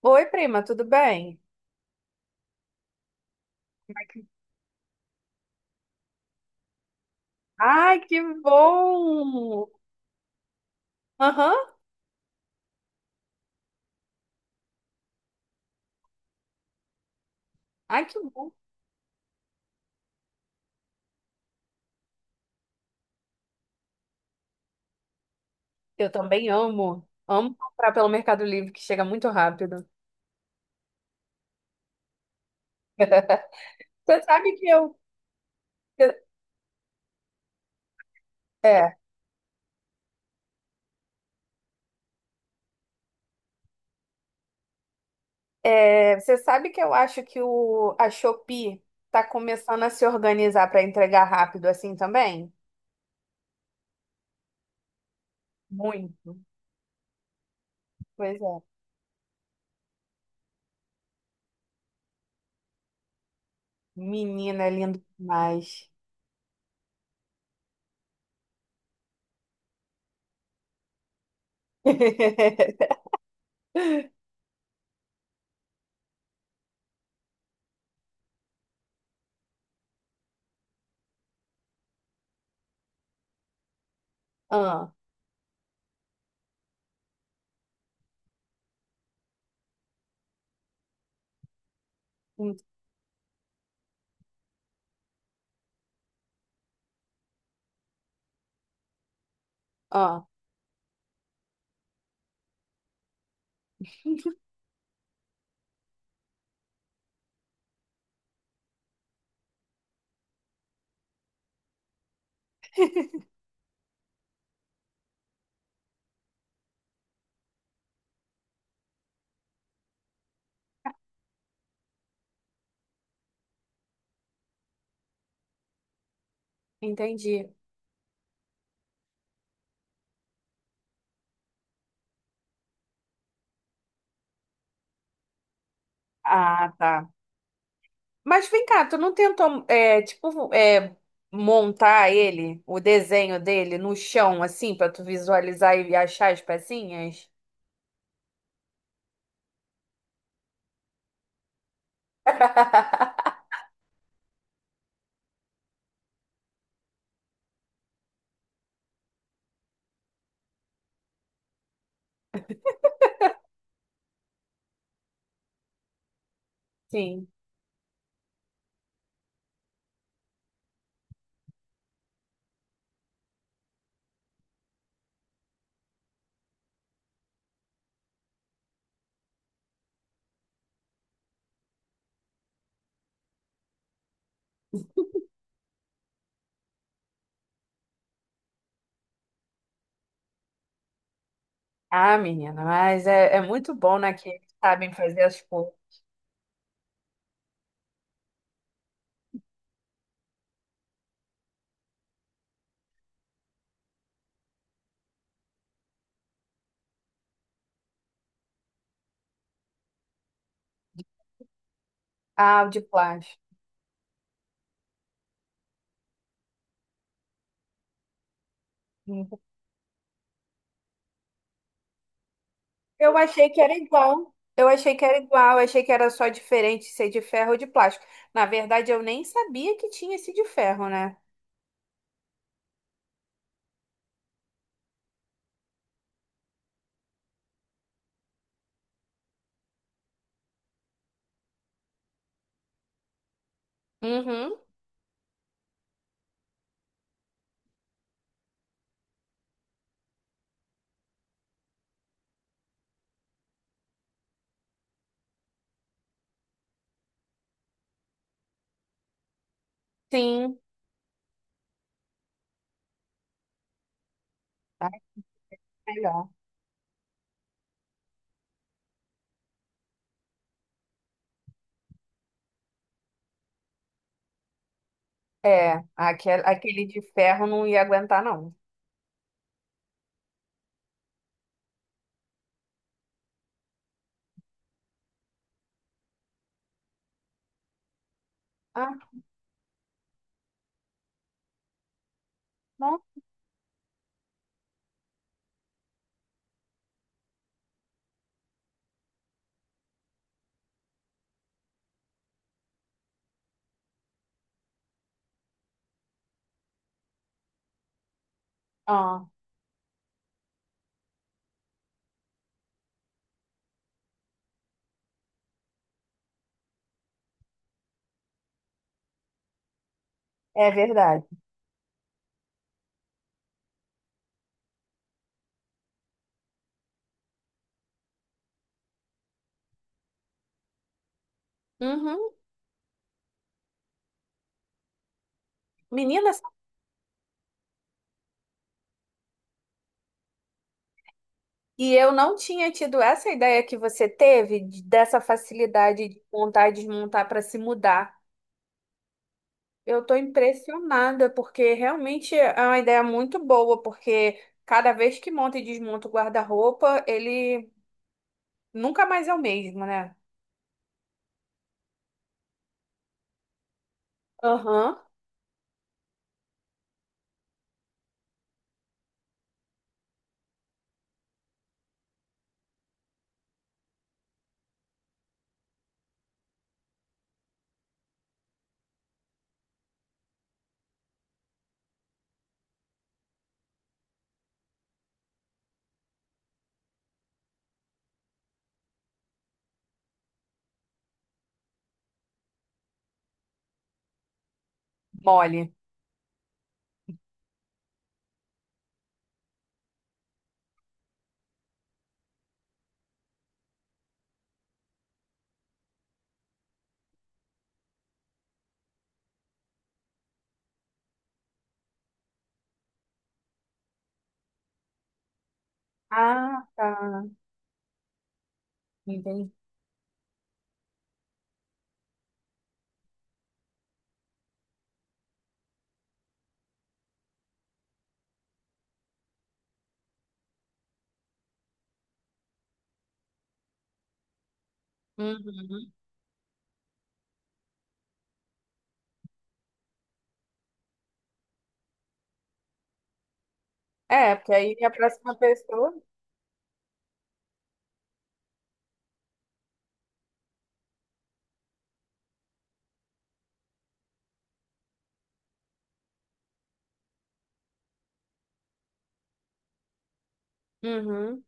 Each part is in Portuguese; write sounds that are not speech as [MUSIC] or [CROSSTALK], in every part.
Oi, prima, tudo bem? Ai, que bom! Aham. Ai, que bom. Eu também amo. Amo comprar pelo Mercado Livre, que chega muito rápido. [LAUGHS] Você sabe que eu. É, você sabe que eu acho que a Shopee tá começando a se organizar para entregar rápido assim também? Muito. Pois é. Menina, é lindo demais. [LAUGHS] Ah, en- ah, entendi. Ah, tá. Mas vem cá, tu não tentou, tipo, montar ele, o desenho dele no chão, assim, pra tu visualizar e achar as pecinhas? [LAUGHS] Sim. Ah, menina, mas é muito bom, né, que eles sabem fazer as coisas. Ah, o de plástico. Hum. Eu achei que era igual. Eu achei que era igual, eu achei que era só diferente ser de ferro ou de plástico. Na verdade, eu nem sabia que tinha esse de ferro, né? Uhum, sim. Ah, melhor. É, aquele de ferro não ia aguentar, não. Ah, não? Ah, é verdade. Uhum. Meninas, e eu não tinha tido essa ideia que você teve de- dessa facilidade de montar e desmontar para se mudar. Eu estou impressionada, porque realmente é uma ideia muito boa, porque cada vez que monta e desmonta o guarda-roupa, ele nunca mais é o mesmo, né? Aham. Mole. Ah, tá. Entendi. Uhum. É, porque aí a próxima pessoa. Uhum.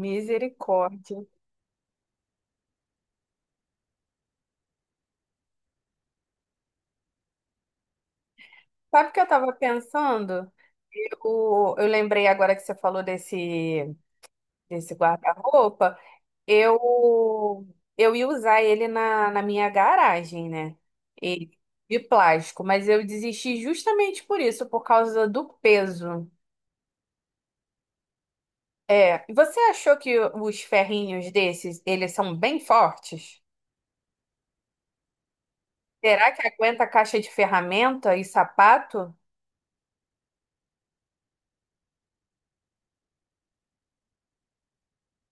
Misericórdia. Sabe o que eu estava pensando? Eu lembrei agora que você falou desse guarda-roupa. Eu, eu ia usar ele na minha garagem, né? E, de plástico, mas eu desisti justamente por isso, por causa do peso. É, você achou que os ferrinhos desses, eles são bem fortes? Será que aguenta caixa de ferramenta e sapato?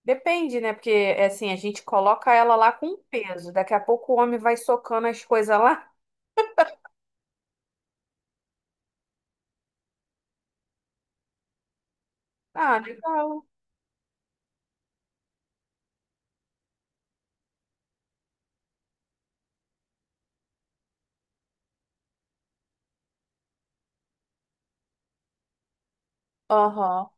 Depende, né? Porque, é assim, a gente coloca ela lá com peso. Daqui a pouco o homem vai socando as coisas lá. [LAUGHS] Ah, legal. Aham.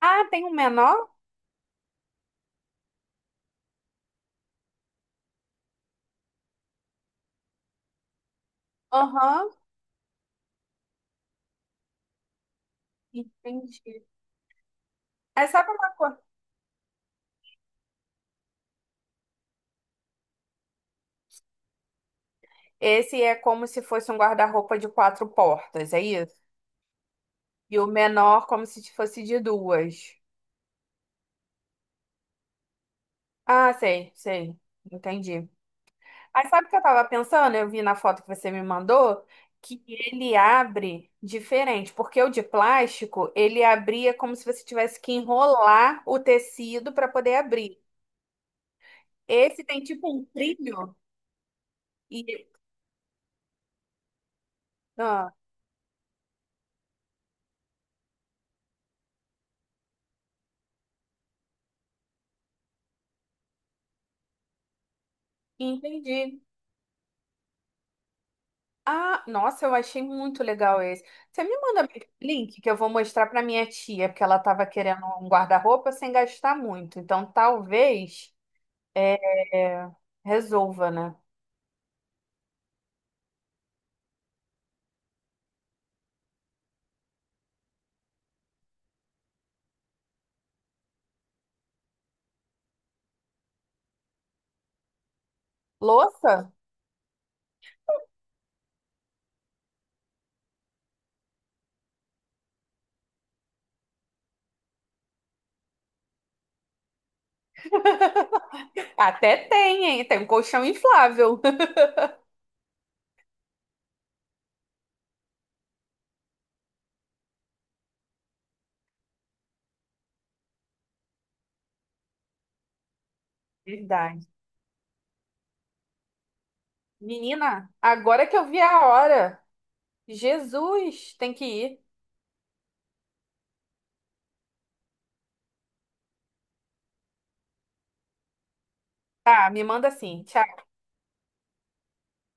Ah, tem um menor? Aham. Entendi. Mas sabe uma coisa? Esse é como se fosse um guarda-roupa de quatro portas, é isso? E o menor como se fosse de duas. Ah, sei, sei. Entendi. Aí sabe o que eu tava pensando? Eu vi na foto que você me mandou que ele abre diferente, porque o de plástico, ele abria como se você tivesse que enrolar o tecido para poder abrir. Esse tem tipo um trilho e ah, entendi. Ah, nossa, eu achei muito legal esse. Você me manda link que eu vou mostrar para minha tia, porque ela tava querendo um guarda-roupa sem gastar muito. Então talvez é, resolva, né? Louça? [LAUGHS] Até tem, hein? Tem um colchão inflável. [LAUGHS] Verdade. Menina, agora que eu vi a hora, Jesus, tem que ir. Tá, me manda assim. Tchau.